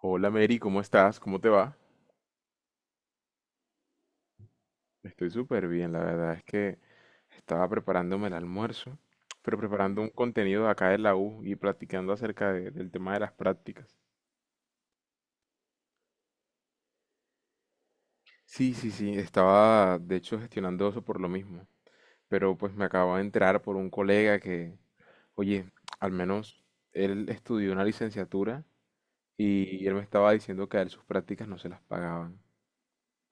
Hola Mary, ¿cómo estás? ¿Cómo te va? Estoy súper bien, la verdad es que estaba preparándome el almuerzo, pero preparando un contenido de acá de la U y platicando acerca de- del tema de las prácticas. Sí, sí, sí, estaba de hecho gestionando eso por lo mismo, pero pues me acabo de enterar por un colega que, oye, al menos él estudió una licenciatura y él me estaba diciendo que a él sus prácticas no se las pagaban.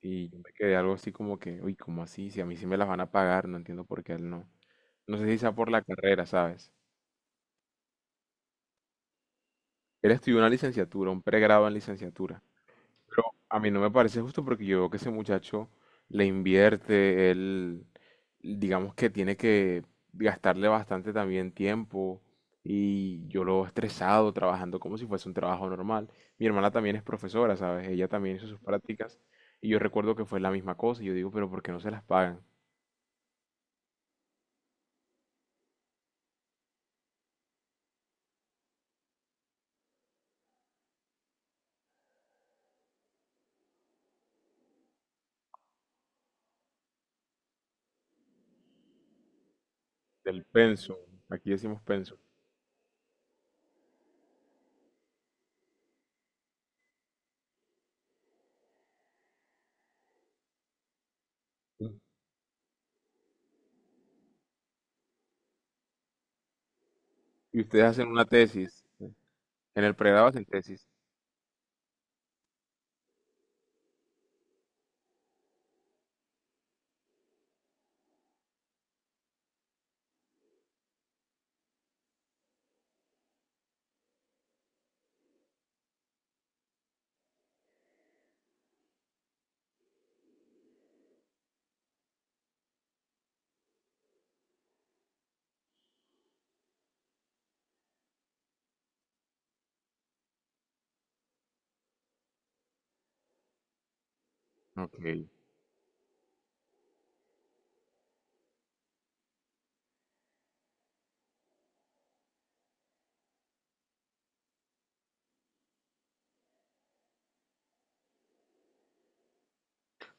Y yo me quedé algo así como que, uy, ¿cómo así? Si a mí sí me las van a pagar, no entiendo por qué a él no. No sé si sea por la carrera, ¿sabes? Él estudió una licenciatura, un pregrado en licenciatura. Pero a mí no me parece justo porque yo veo que ese muchacho le invierte, él, digamos que tiene que gastarle bastante también tiempo y yo lo veo estresado trabajando como si fuese un trabajo normal. Mi hermana también es profesora, ¿sabes? Ella también hizo sus prácticas y yo recuerdo que fue la misma cosa y yo digo, pero ¿por qué no se las pagan? Del pensum, aquí decimos pensum. Y ustedes hacen una tesis, en el pregrado hacen tesis. Ok,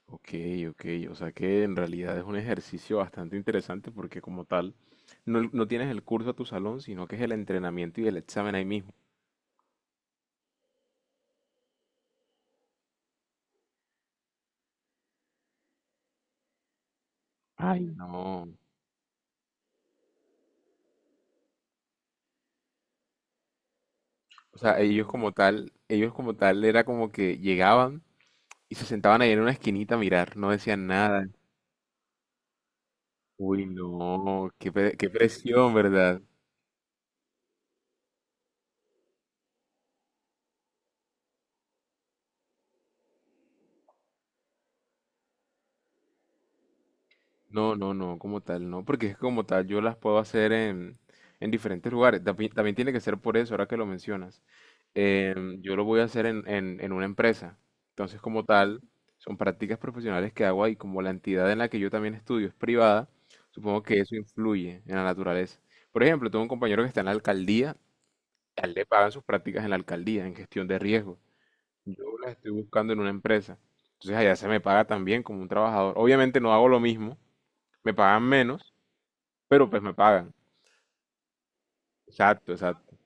ok, ok. O sea que en realidad es un ejercicio bastante interesante porque como tal, no, no tienes el curso a tu salón, sino que es el entrenamiento y el examen ahí mismo. Ay, no. O sea, ellos como tal era como que llegaban y se sentaban ahí en una esquinita a mirar, no decían nada. Uy, no, qué, pre- qué presión, ¿verdad? No, no, no, como tal, no, porque es como tal, yo las puedo hacer en diferentes lugares. También, también tiene que ser por eso, ahora que lo mencionas. Yo lo voy a hacer en una empresa. Entonces, como tal, son prácticas profesionales que hago ahí, como la entidad en la que yo también estudio es privada, supongo que eso influye en la naturaleza. Por ejemplo, tengo un compañero que está en la alcaldía, a él le pagan sus prácticas en la alcaldía, en gestión de riesgo. Yo las estoy buscando en una empresa. Entonces allá se me paga también como un trabajador. Obviamente no hago lo mismo, me pagan menos, pero pues me pagan. Exacto, exacto.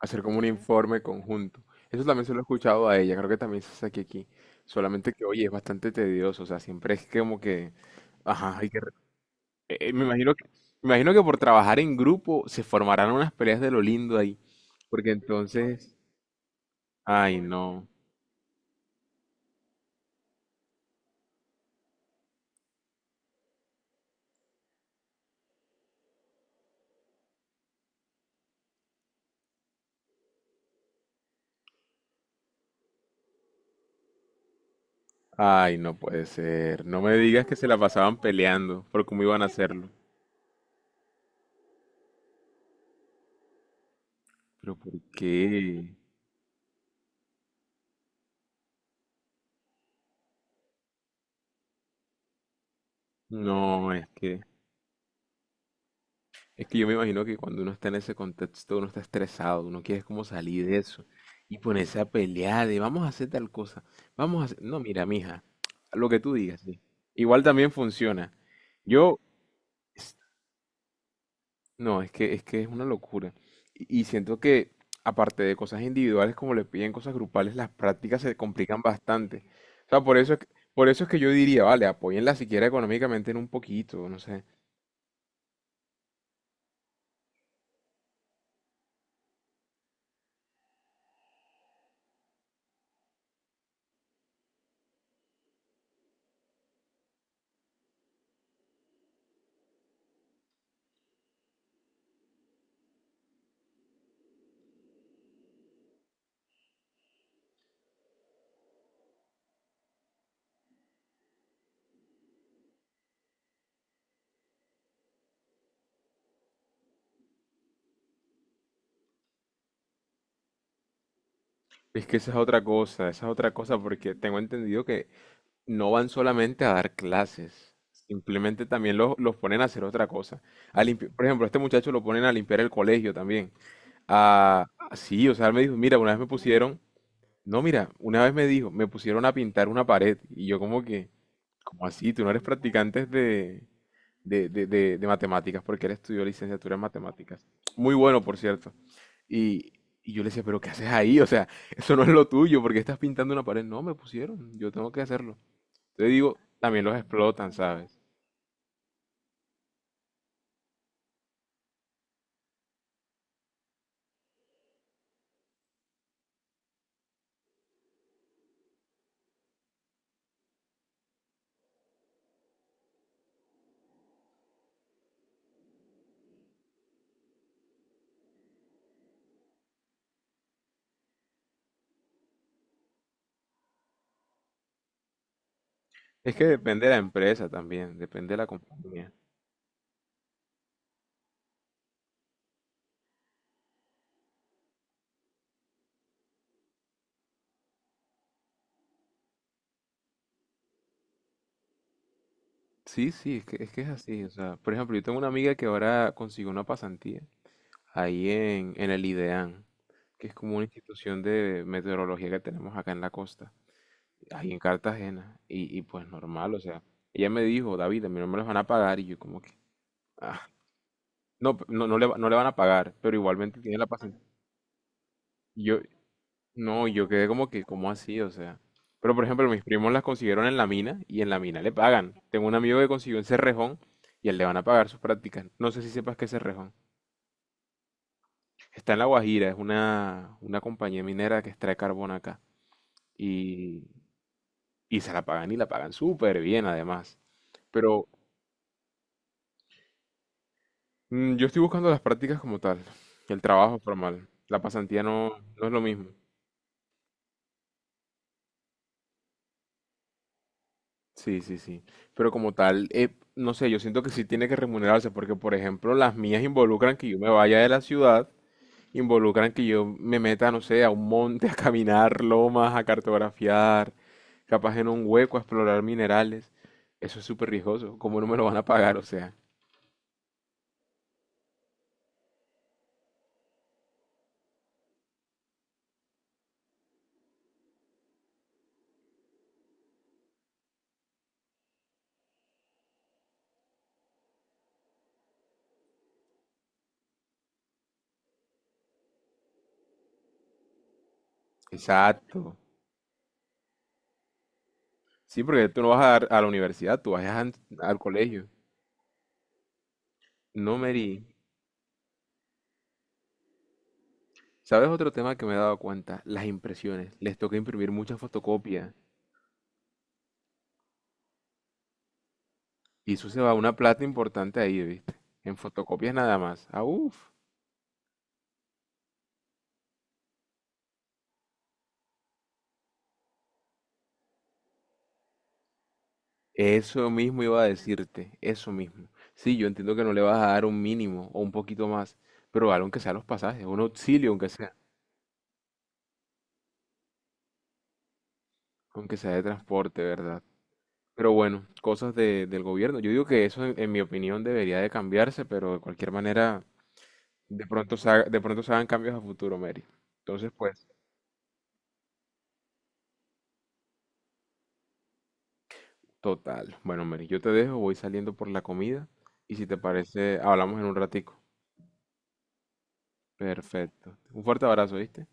Hacer como un informe conjunto. Eso también se lo he escuchado a ella, creo que también se hace aquí, solamente que, oye, es bastante tedioso, o sea, siempre es como que, ajá, hay que... re- me imagino me imagino que por trabajar en grupo se formarán unas peleas de lo lindo ahí, porque entonces, ay, no, ay, no puede ser. No me digas que se la pasaban peleando por cómo iban a hacerlo. Pero ¿por qué? No, es que... Es que yo me imagino que cuando uno está en ese contexto, uno está estresado, uno quiere como salir de eso y ponerse a pelear de vamos a hacer tal cosa, vamos a hacer... No, mira, mija, lo que tú digas, sí. Igual también funciona. Yo, es- no, es que es que es una locura. Y siento que aparte de cosas individuales como le piden cosas grupales, las prácticas se complican bastante. O sea, por eso es que, por eso es que yo diría, vale, apóyenla siquiera económicamente en un poquito, no sé. Es que esa es otra cosa, esa es otra cosa, porque tengo entendido que no van solamente a dar clases, simplemente también los ponen a hacer otra cosa. A limpi- por ejemplo, a este muchacho lo ponen a limpiar el colegio también. Ah, ah, sí, o sea, él me dijo, mira, una vez me pusieron, no, mira, una vez me dijo, me pusieron a pintar una pared y yo como que, ¿cómo así? Tú no eres practicante de, de matemáticas porque él estudió licenciatura en matemáticas. Muy bueno, por cierto. Y, y yo le decía, pero ¿qué haces ahí? O sea, eso no es lo tuyo, porque estás pintando una pared? No, me pusieron, yo tengo que hacerlo. Te digo, también los explotan, ¿sabes? Es que depende de la empresa también, depende de la compañía. Sí, sí, es que es que es así. O sea, por ejemplo, yo tengo una amiga que ahora consiguió una pasantía ahí en el IDEAN, que es como una institución de meteorología que tenemos acá en la costa, ahí en Cartagena. Y pues normal, o sea, ella me dijo, David, a mí no me los van a pagar. Y yo como que, ah, no, pe- no, no le, va- no le van a pagar, pero igualmente tiene la pasantía. No, yo quedé como que, ¿cómo así? O sea. Pero por ejemplo, mis primos las consiguieron en la mina y en la mina le pagan. Tengo un amigo que consiguió en Cerrejón y él le van a pagar sus prácticas. No sé si sepas qué es Cerrejón. Está en La Guajira, es una compañía minera que extrae carbón acá. Y, y se la pagan y la pagan súper bien además. Pero yo estoy buscando las prácticas como tal, el trabajo formal. La pasantía no, no es lo mismo. Sí, sí, sí. Pero como tal, no sé, yo siento que sí tiene que remunerarse, porque por ejemplo, las mías involucran que yo me vaya de la ciudad, involucran que yo me meta, no sé, a un monte, a caminar lomas, a cartografiar, capaz en un hueco, a explorar minerales. Eso es súper riesgoso. ¿Cómo no me lo van a pagar? O sea, exacto. Sí, porque tú no vas a, dar a la universidad, tú vas a- al colegio. No, Mary. ¿Sabes otro tema que me he dado cuenta? Las impresiones. Les toca imprimir muchas fotocopias. Y eso se va una plata importante ahí, ¿viste? En fotocopias nada más. Ah, uff. Eso mismo iba a decirte, eso mismo. Sí, yo entiendo que no le vas a dar un mínimo o un poquito más, pero algo aunque sea los pasajes, un auxilio aunque sea de transporte, ¿verdad? Pero bueno, cosas de- del gobierno. Yo digo que eso, en mi opinión, debería de cambiarse, pero de cualquier manera, de pronto se haga- de pronto se hagan cambios a futuro, Mary. Entonces, pues, total. Bueno, Mary, yo te dejo, voy saliendo por la comida y si te parece, hablamos en un ratico. Perfecto. Un fuerte abrazo, ¿viste?